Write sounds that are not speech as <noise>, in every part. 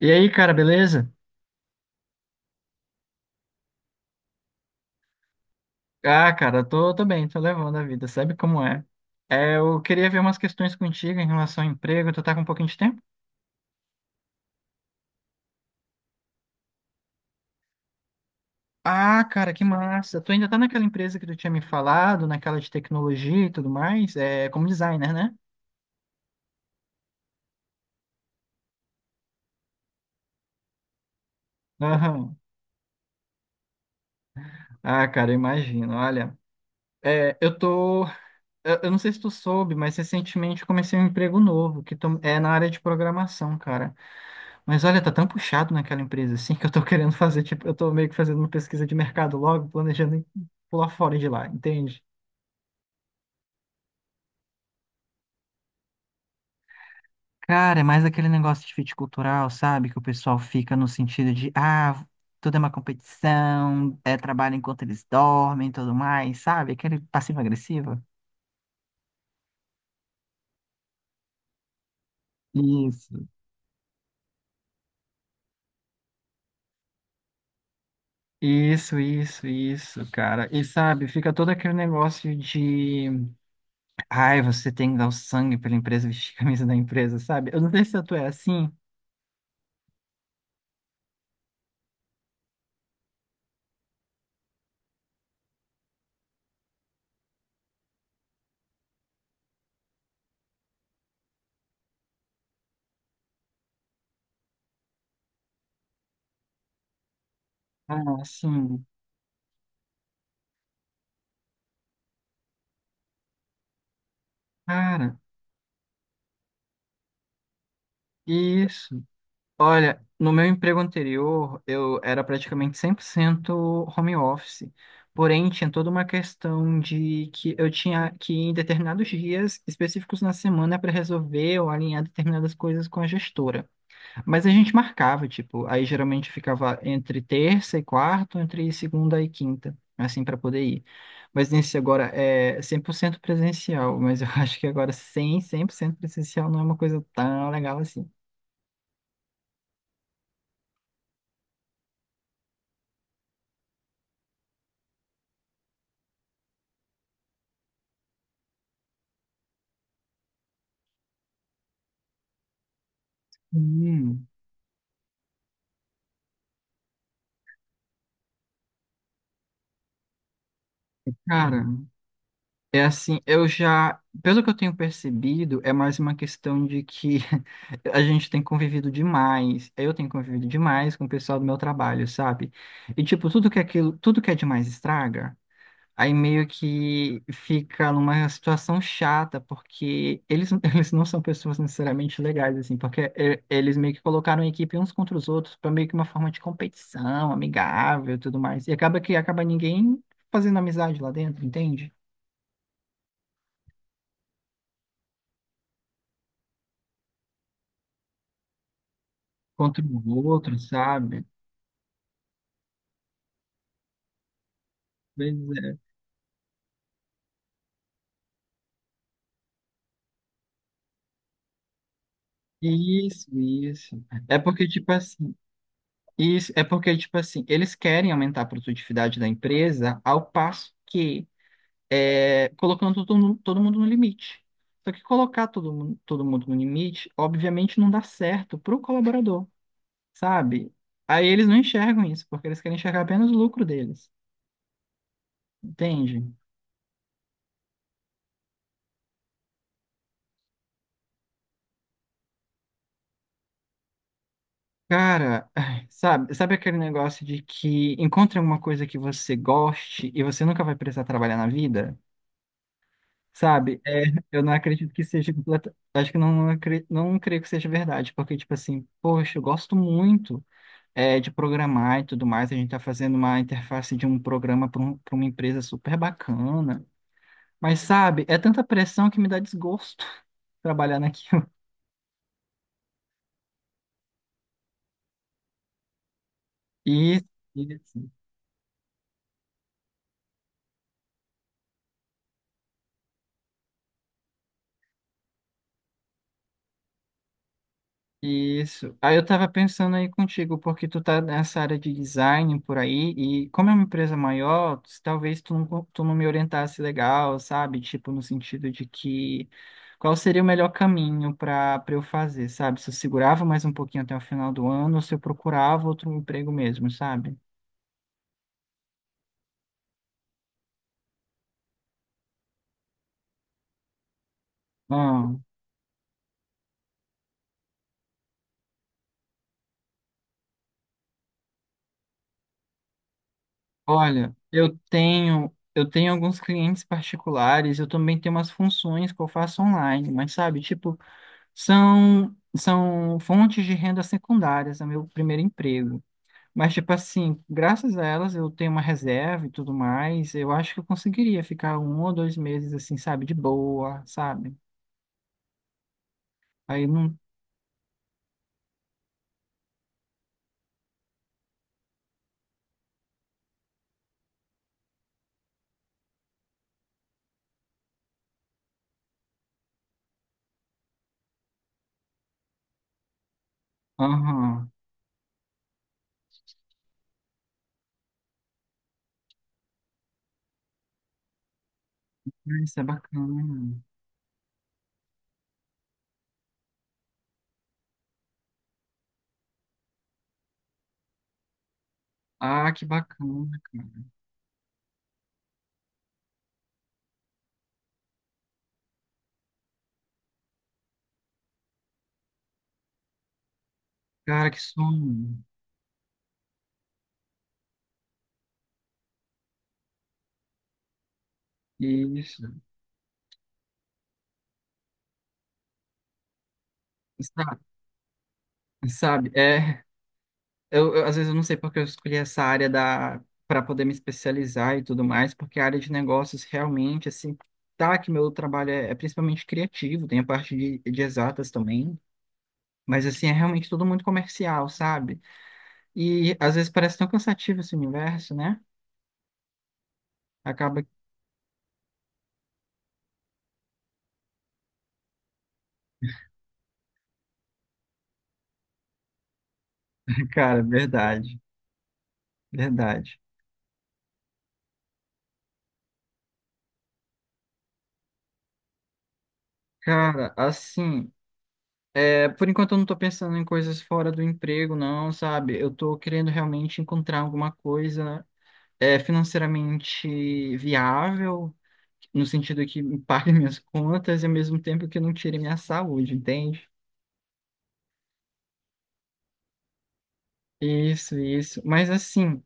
E aí, cara, beleza? Ah, cara, tô bem, tô levando a vida, sabe como é? É, eu queria ver umas questões contigo em relação ao emprego, tu tá com um pouquinho de tempo? Ah, cara, que massa! Tu ainda tá naquela empresa que tu tinha me falado, naquela de tecnologia e tudo mais, é, como designer, né? Aham. Ah, cara, eu imagino, olha. É, eu tô. Eu não sei se tu soube, mas recentemente eu comecei um emprego novo, que é na área de programação, cara. Mas olha, tá tão puxado naquela empresa assim <laughs> que eu tô querendo fazer, tipo, eu tô meio que fazendo uma pesquisa de mercado logo, planejando em pular fora de lá, entende? Cara, é mais aquele negócio de fit cultural, sabe? Que o pessoal fica no sentido de, ah, tudo é uma competição, é trabalho enquanto eles dormem e tudo mais, sabe? Aquele passivo-agressivo. Isso, isso, cara. E sabe, fica todo aquele negócio de, ai, você tem que dar o sangue pela empresa, vestir a camisa da empresa, sabe? Eu não sei se tu é assim. Ah, sim. Cara, isso. Olha, no meu emprego anterior, eu era praticamente 100% home office. Porém, tinha toda uma questão de que eu tinha que ir em determinados dias específicos na semana para resolver ou alinhar determinadas coisas com a gestora. Mas a gente marcava, tipo, aí geralmente ficava entre terça e quarta, entre segunda e quinta, assim, para poder ir. Mas nesse agora é 100% presencial, mas eu <laughs> acho que agora 100% presencial não é uma coisa tão legal assim. Hum, cara, é assim, eu já, pelo que eu tenho percebido, é mais uma questão de que <laughs> a gente tem convivido demais, eu tenho convivido demais com o pessoal do meu trabalho, sabe? E tipo, tudo que é aquilo, tudo que é demais estraga. Aí meio que fica numa situação chata, porque eles, <laughs> eles não são pessoas necessariamente legais, assim, porque eles meio que colocaram a equipe uns contra os outros para meio que uma forma de competição, amigável e tudo mais. E acaba que acaba ninguém fazendo amizade lá dentro, entende? Contra o outro, sabe? Pois é. Isso, isso. É porque, tipo assim, isso, é porque, tipo assim, eles querem aumentar a produtividade da empresa ao passo que é, colocando todo mundo no limite. Só que colocar todo mundo no limite, obviamente, não dá certo para o colaborador, sabe? Aí eles não enxergam isso, porque eles querem enxergar apenas o lucro deles, entende? Cara, ai, sabe, sabe aquele negócio de que encontre alguma coisa que você goste e você nunca vai precisar trabalhar na vida? Sabe? É, eu não acredito que seja completa. Acho que não, não creio que seja verdade, porque, tipo assim, poxa, eu gosto muito, é, de programar e tudo mais. A gente está fazendo uma interface de um programa para para uma empresa super bacana. Mas, sabe, é tanta pressão que me dá desgosto <laughs> trabalhar naquilo. E, isso. Aí eu tava pensando aí contigo, porque tu tá nessa área de design por aí, e como é uma empresa maior, talvez tu não, tu não me orientasse legal, sabe? Tipo, no sentido de que qual seria o melhor caminho para eu fazer, sabe? Se eu segurava mais um pouquinho até o final do ano, ou se eu procurava outro emprego mesmo, sabe? Ah, olha, eu tenho alguns clientes particulares, eu também tenho umas funções que eu faço online, mas sabe, tipo, são fontes de renda secundárias, é meu primeiro emprego. Mas, tipo assim, graças a elas eu tenho uma reserva e tudo mais, eu acho que eu conseguiria ficar um ou dois meses, assim, sabe, de boa, sabe? Aí não. Aham. Isso é bacana. Ah, que bacana, cara. Cara, que sonho. Isso. Sa- Sabe, é. Às vezes eu não sei porque eu escolhi essa área da para poder me especializar e tudo mais, porque a área de negócios realmente assim, tá que meu trabalho é, é principalmente criativo, tem a parte de exatas também, mas assim é realmente tudo muito comercial, sabe? E às vezes parece tão cansativo esse universo, né? Acaba, que... <laughs> cara, verdade, verdade. Cara, assim, é, por enquanto eu não tô pensando em coisas fora do emprego, não, sabe? Eu tô querendo realmente encontrar alguma coisa é financeiramente viável, no sentido que <laughs> me pague minhas contas e ao mesmo tempo que não tire minha saúde, entende? Isso, isso. Mas assim,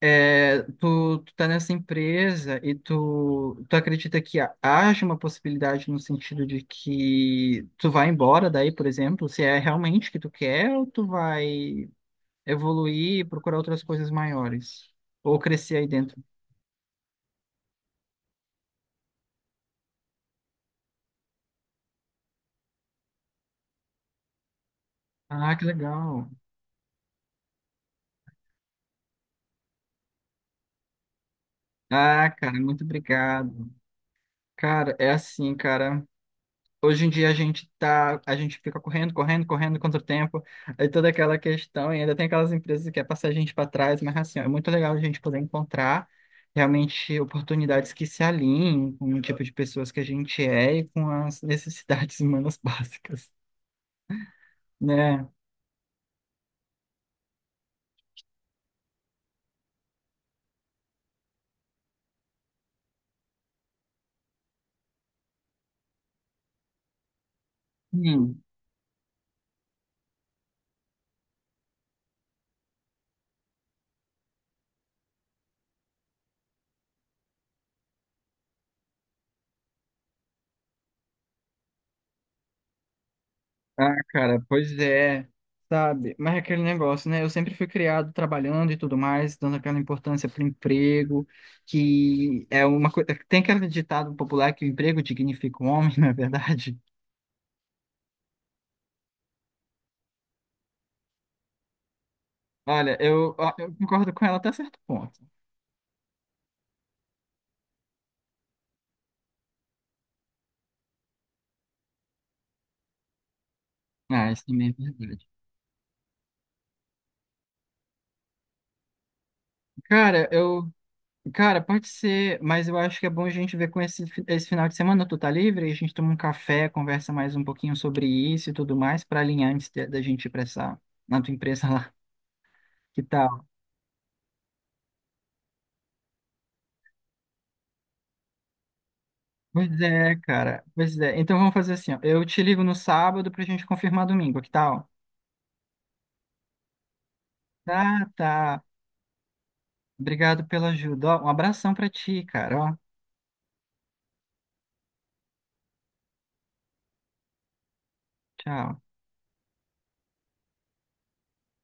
é, tu tá nessa empresa e tu acredita que haja uma possibilidade no sentido de que tu vai embora daí, por exemplo, se é realmente o que tu quer ou tu vai evoluir e procurar outras coisas maiores? Ou crescer aí dentro? Ah, que legal. Ah, cara, muito obrigado. Cara, é assim, cara. Hoje em dia a gente fica correndo, correndo, correndo contra o tempo, aí toda aquela questão, e ainda tem aquelas empresas que quer passar a gente para trás, mas assim, ó, é muito legal a gente poder encontrar realmente oportunidades que se alinhem com o tipo de pessoas que a gente é e com as necessidades humanas <laughs> básicas, né? Hum. Ah, cara, pois é, sabe? Mas é aquele negócio, né? Eu sempre fui criado trabalhando e tudo mais, dando aquela importância para o emprego, que é uma coisa. Tem aquele ditado popular que o emprego dignifica o homem, <laughs> não é verdade? Olha, eu concordo com ela até certo ponto. Ah, isso também é verdade. Cara, eu. Cara, pode ser, mas eu acho que é bom a gente ver com esse final de semana. Tu tá livre? A gente toma um café, conversa mais um pouquinho sobre isso e tudo mais, para alinhar da gente ir pra essa, na tua empresa lá. Que tal? Pois é, cara. Pois é. Então vamos fazer assim, ó. Eu te ligo no sábado pra gente confirmar domingo, que tal? Tá, tá. Obrigado pela ajuda. Ó, um abração pra ti, cara. Ó, tchau.